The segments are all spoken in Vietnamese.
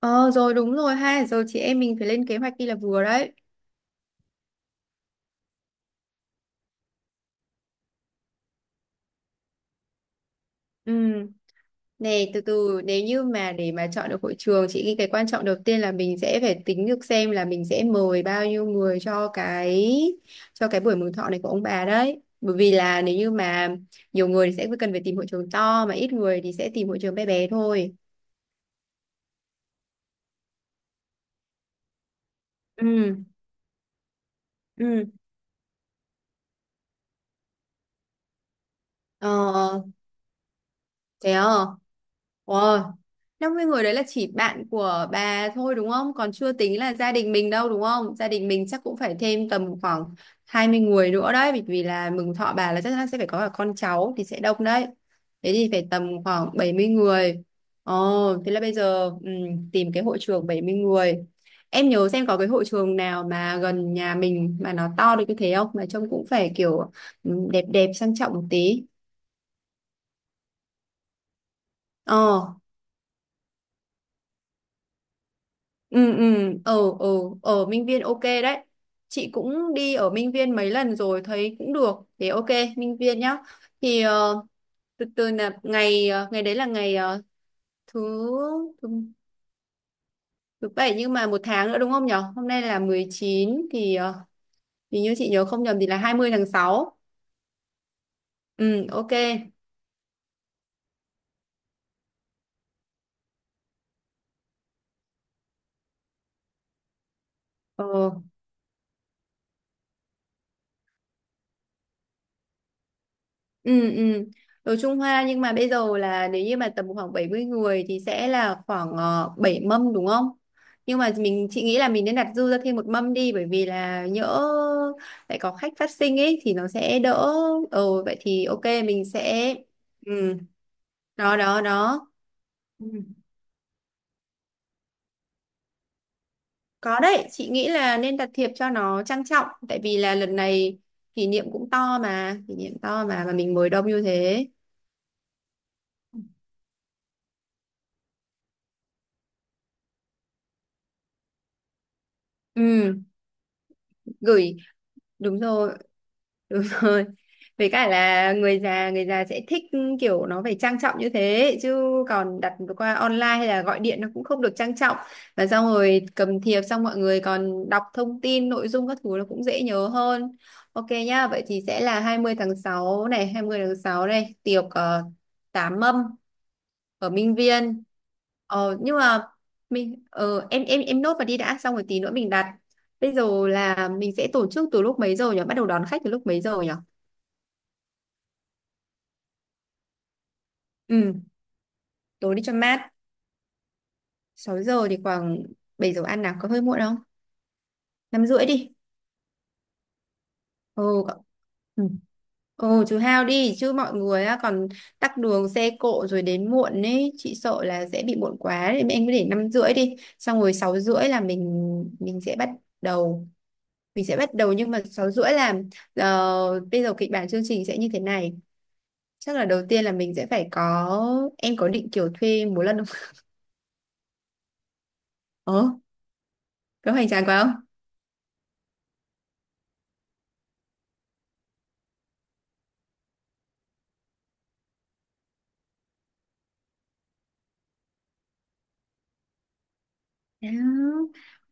Ờ, rồi đúng rồi ha. Rồi chị em mình phải lên kế hoạch đi là vừa đấy. Ừ. Này, từ từ, nếu như mà để mà chọn được hội trường, chị nghĩ cái quan trọng đầu tiên là mình sẽ phải tính được xem là mình sẽ mời bao nhiêu người cho cái buổi mừng thọ này của ông bà đấy. Bởi vì là nếu như mà nhiều người thì sẽ cần phải tìm hội trường to, mà ít người thì sẽ tìm hội trường bé bé thôi. Ừ. Ừ. Ờ. Thế à? 50 người đấy là chỉ bạn của bà thôi đúng không? Còn chưa tính là gia đình mình đâu đúng không? Gia đình mình chắc cũng phải thêm tầm khoảng 20 người nữa đấy, bởi vì là mừng thọ bà là chắc chắn sẽ phải có cả con cháu thì sẽ đông đấy. Thế thì phải tầm khoảng 70 người. Ồ, thế là bây giờ, tìm cái hội trường 70 người. Em nhớ xem có cái hội trường nào mà gần nhà mình mà nó to được như thế không? Mà trông cũng phải kiểu đẹp đẹp sang trọng một tí. Ờ, ừ, ừ, ừ, ừ, ở Minh Viên ok đấy. Chị cũng đi ở Minh Viên mấy lần rồi thấy cũng được, thế ok, Minh Viên nhá. thì ờ, từ từ là ngày đấy là thứ thứ thứ bảy, nhưng mà một tháng nữa đúng không nhở, hôm nay là 19 thì như chị nhớ không nhầm thì là 20 tháng 6. Ừ ok. Ờ. Ừ, ừ. Đồ Trung Hoa, nhưng mà bây giờ là nếu như mà tầm khoảng 70 người thì sẽ là khoảng 7 mâm đúng không? Nhưng mà mình chị nghĩ là mình nên đặt dư ra thêm một mâm đi, bởi vì là nhỡ lại có khách phát sinh ấy thì nó sẽ đỡ. Ừ, vậy thì ok mình sẽ ừ. Đó đó đó. Ừ. Có đấy, chị nghĩ là nên đặt thiệp cho nó trang trọng, tại vì là lần này kỷ niệm cũng to mà, kỷ niệm to mà mình mời đông như thế. Ừ, gửi. Đúng rồi. Đúng rồi. Với cả là người già, người già sẽ thích kiểu nó phải trang trọng như thế, chứ còn đặt qua online hay là gọi điện nó cũng không được trang trọng. Và xong rồi cầm thiệp xong mọi người còn đọc thông tin nội dung các thứ, nó cũng dễ nhớ hơn. Ok nhá, vậy thì sẽ là 20 tháng 6 này, 20 tháng 6 này, tiệc tám mâm ở Minh Viên. Ờ, nhưng mà em nốt vào đi đã, xong rồi tí nữa mình đặt. Bây giờ là mình sẽ tổ chức từ lúc mấy giờ nhỉ? Bắt đầu đón khách từ lúc mấy giờ nhỉ? Ừ, tối đi cho mát. Sáu giờ thì khoảng 7 giờ ăn nào, có hơi muộn không? Năm rưỡi đi. Ồ, ừ. Ồ, chú Hao đi chứ mọi người á, còn tắc đường xe cộ rồi đến muộn ấy, chị sợ là sẽ bị muộn quá nên em cứ để 5 rưỡi đi. Xong rồi 6 rưỡi là mình sẽ bắt đầu. Mình sẽ bắt đầu, nhưng mà 6 rưỡi là ờ, bây giờ kịch bản chương trình sẽ như thế này. Chắc là đầu tiên là mình sẽ phải có, em có định kiểu thuê múa lân không? Ờ, có hoành tráng quá không? Có.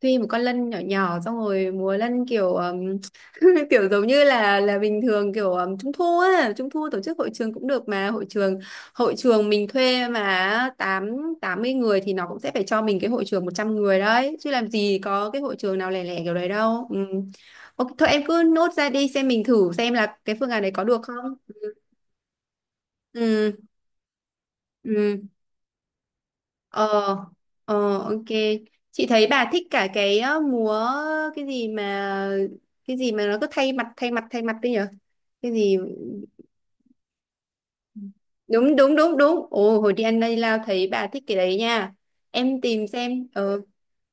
Tuy một con lân nhỏ nhỏ xong rồi múa lân kiểu kiểu giống như là bình thường, kiểu trung thu á, trung thu tổ chức hội trường cũng được, mà hội trường mình thuê mà tám 80 người thì nó cũng sẽ phải cho mình cái hội trường 100 người đấy, chứ làm gì có cái hội trường nào lẻ lẻ kiểu đấy đâu ừ. Ok, thôi em cứ nốt ra đi xem, mình thử xem là cái phương án đấy có được không. Ừ. Ừ. Ờ, ờ, ok. Chị thấy bà thích cả cái múa, cái gì mà, cái gì mà nó cứ thay mặt thay mặt thay mặt đấy nhở? Cái gì. Đúng đúng đúng đúng. Ồ hồi đi ăn đây lao thấy bà thích cái đấy nha. Em tìm xem. Ờ.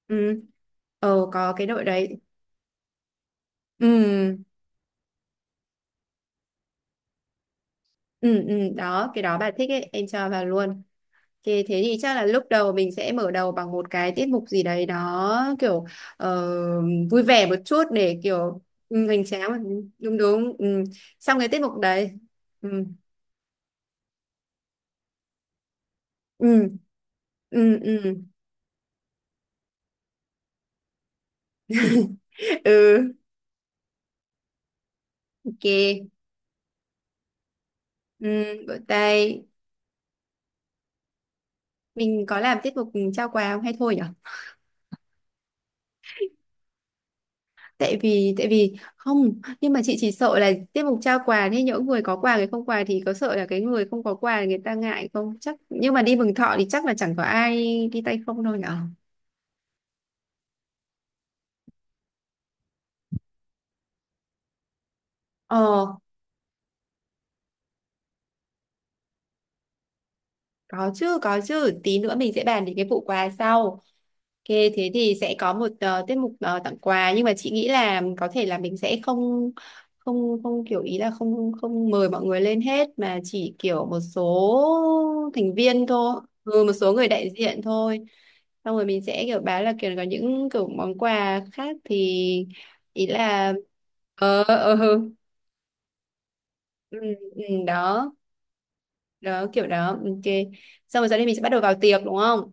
Ừ. Ờ, có cái đội đấy. Ừ. Ừ ừ đó, cái đó bà thích ấy, em cho vào luôn. Thế thì chắc là lúc đầu mình sẽ mở đầu bằng một cái tiết mục gì đấy, đó kiểu ờ, vui vẻ một chút, để kiểu hoành tráng mà. Ừ, đúng đúng ừ. Xong cái tiết mục đấy. Ừ. Ừ. Ừ. Ừ. Ừ ok. Ừ. Vỗ tay. Mình có làm tiết mục trao quà không hay thôi nhở? Tại vì không, nhưng mà chị chỉ sợ là tiết mục trao quà thế, những người có quà người không quà thì có sợ là cái người không có quà người ta ngại không chắc, nhưng mà đi mừng thọ thì chắc là chẳng có ai đi tay không đâu nhở. Ờ, có chứ, có chứ. Tí nữa mình sẽ bàn đến cái vụ quà sau. Ok, thế thì sẽ có một tiết mục tặng quà, nhưng mà chị nghĩ là có thể là mình sẽ không không không kiểu ý là không không mời mọi người lên hết, mà chỉ kiểu một số thành viên thôi, một số người đại diện thôi. Xong rồi mình sẽ kiểu báo là kiểu có những kiểu món quà khác, thì ý là ờ ờ ừ, ừ, đó, đó kiểu đó. Ok. Xong rồi sau đây mình sẽ bắt đầu vào tiệc đúng không?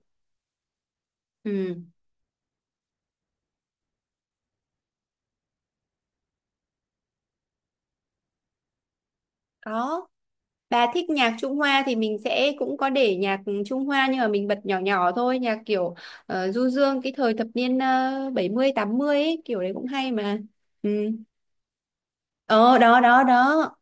Ừ, có. Bà thích nhạc Trung Hoa thì mình sẽ cũng có để nhạc Trung Hoa, nhưng mà mình bật nhỏ nhỏ thôi, nhạc kiểu du dương cái thời thập niên 70 80 ấy, kiểu đấy cũng hay mà. Ừ. Ờ đó đó đó.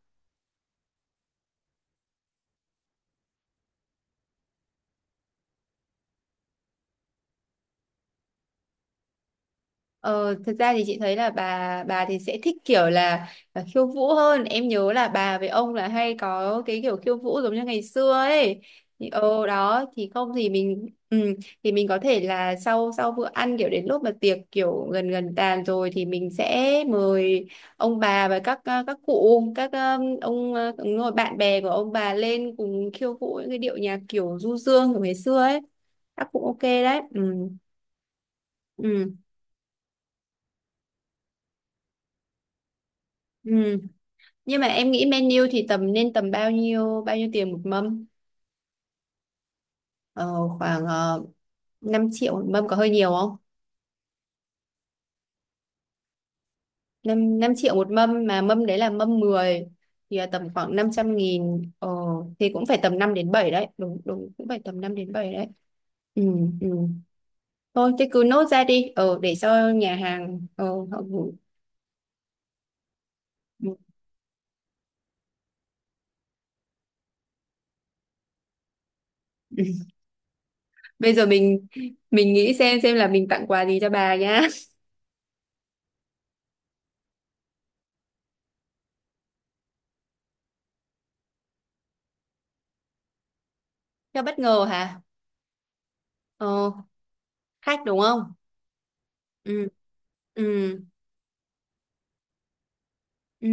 Ờ, thật ra thì chị thấy là bà thì sẽ thích kiểu là khiêu vũ hơn. Em nhớ là bà với ông là hay có cái kiểu khiêu vũ giống như ngày xưa ấy. Thì, ờ đó thì không thì thì mình có thể là sau sau bữa ăn, kiểu đến lúc mà tiệc kiểu gần gần tàn rồi thì mình sẽ mời ông bà và các cụ, đúng rồi, bạn bè của ông bà lên cùng khiêu vũ những cái điệu nhạc kiểu du dương của ngày xưa ấy. Các cụ ok đấy. Ừ. Ừ. Ừ. Nhưng mà em nghĩ menu thì tầm bao nhiêu tiền một mâm ờ, khoảng uh, 5 triệu một mâm có hơi nhiều không? Năm năm triệu một mâm mà mâm đấy là mâm 10 thì là tầm khoảng 500.000, thì cũng phải tầm 5 đến 7 đấy, đúng đúng, cũng phải tầm 5 đến 7 đấy. Ừ, ừ. Thôi thế cứ nốt ra đi, để cho nhà hàng họ gửi. Ừ. Bây giờ mình nghĩ xem là mình tặng quà gì cho bà nhá. Cho bất ngờ hả? ờ khách đúng không? Ừ. Ừ. Ừ.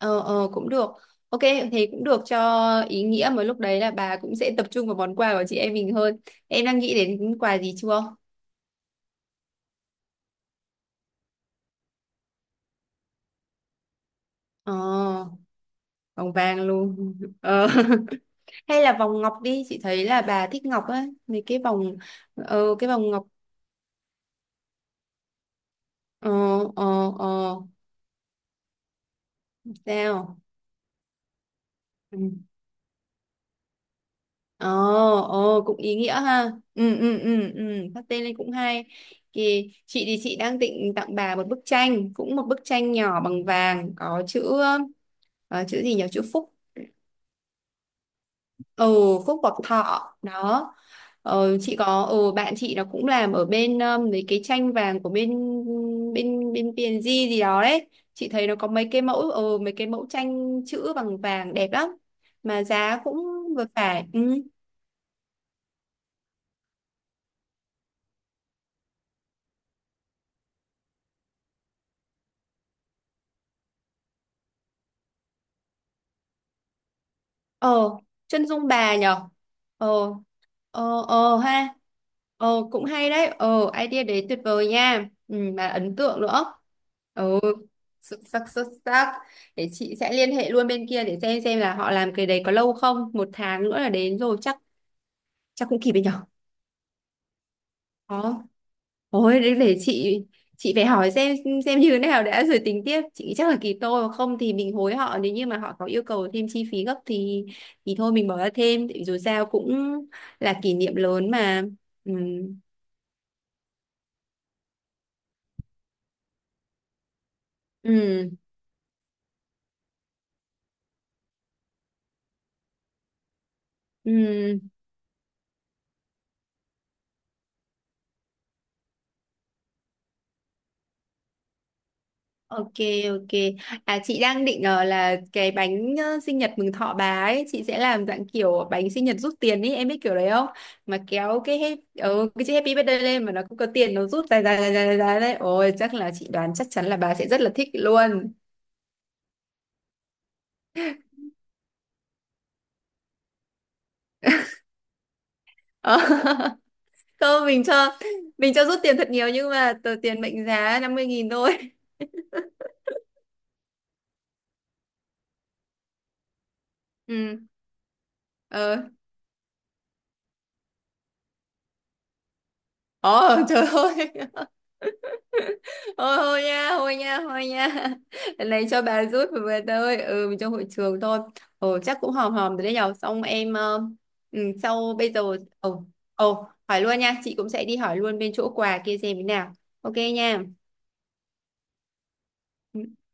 cũng được, ok thì cũng được, cho ý nghĩa. Mà lúc đấy là bà cũng sẽ tập trung vào món quà của chị em mình hơn. Em đang nghĩ đến quà gì chưa? ờ vòng vàng luôn. ờ Hay là vòng ngọc đi, chị thấy là bà thích ngọc á, mấy cái vòng. Cái vòng ngọc. ờ ờ ờ sao? Ừ. Ồ, ồ cũng ý nghĩa ha. Ừ ừ ừ ừ, phát tên lên cũng hay. Thì chị đang định tặng bà một bức tranh, cũng một bức tranh nhỏ bằng vàng, có chữ chữ gì nhỉ? Chữ Phúc. Ừ, Phúc hoặc Thọ đó. Ờ, chị có bạn chị nó cũng làm ở bên mấy cái tranh vàng của bên bên bên PNG gì đó đấy. Chị thấy nó có mấy cái mẫu mấy cái mẫu tranh chữ bằng vàng đẹp lắm, mà giá cũng vừa phải. Ừ. ờ chân dung bà nhở? ờ ha, cũng hay đấy, idea đấy tuyệt vời nha, ừ, mà ấn tượng nữa. Ừ, xuất sắc xuất sắc. Để chị sẽ liên hệ luôn bên kia để xem là họ làm cái đấy có lâu không, một tháng nữa là đến rồi, chắc chắc cũng kịp ấy nhở? Có. Ôi để chị phải hỏi xem như thế nào đã rồi tính tiếp. Chị nghĩ chắc là kỳ tô, hoặc không thì mình hối họ, nếu như mà họ có yêu cầu thêm chi phí gấp thì thôi mình bỏ ra thêm, tại vì dù sao cũng là kỷ niệm lớn mà. Ừ. Ừ. Ừ. Ok, ok. À chị đang định là cái bánh sinh nhật mừng thọ bà ấy, chị sẽ làm dạng kiểu bánh sinh nhật rút tiền ấy, em biết kiểu đấy không? Mà kéo cái cái chữ happy birthday lên, mà nó cũng có tiền, nó rút dài dài dài dài dài dài đấy. Ôi chắc là chị đoán chắc chắn là bà sẽ rất là thích luôn. Ờ. Không, mình cho rút tiền thật nhiều, nhưng mà tờ tiền mệnh giá 50.000 thôi. Ừ. Ờ. Ồ trời ơi. Ôi thôi nha, thôi nha, thôi nha. Lần này cho bà rút về về tôi, ừ mình trong hội trường thôi. Ồ chắc cũng hòm hòm rồi đấy nhở. Xong em sau bây giờ ồ ồ hỏi luôn nha, chị cũng sẽ đi hỏi luôn bên chỗ quà kia xem thế nào. Ok nha. Ừ.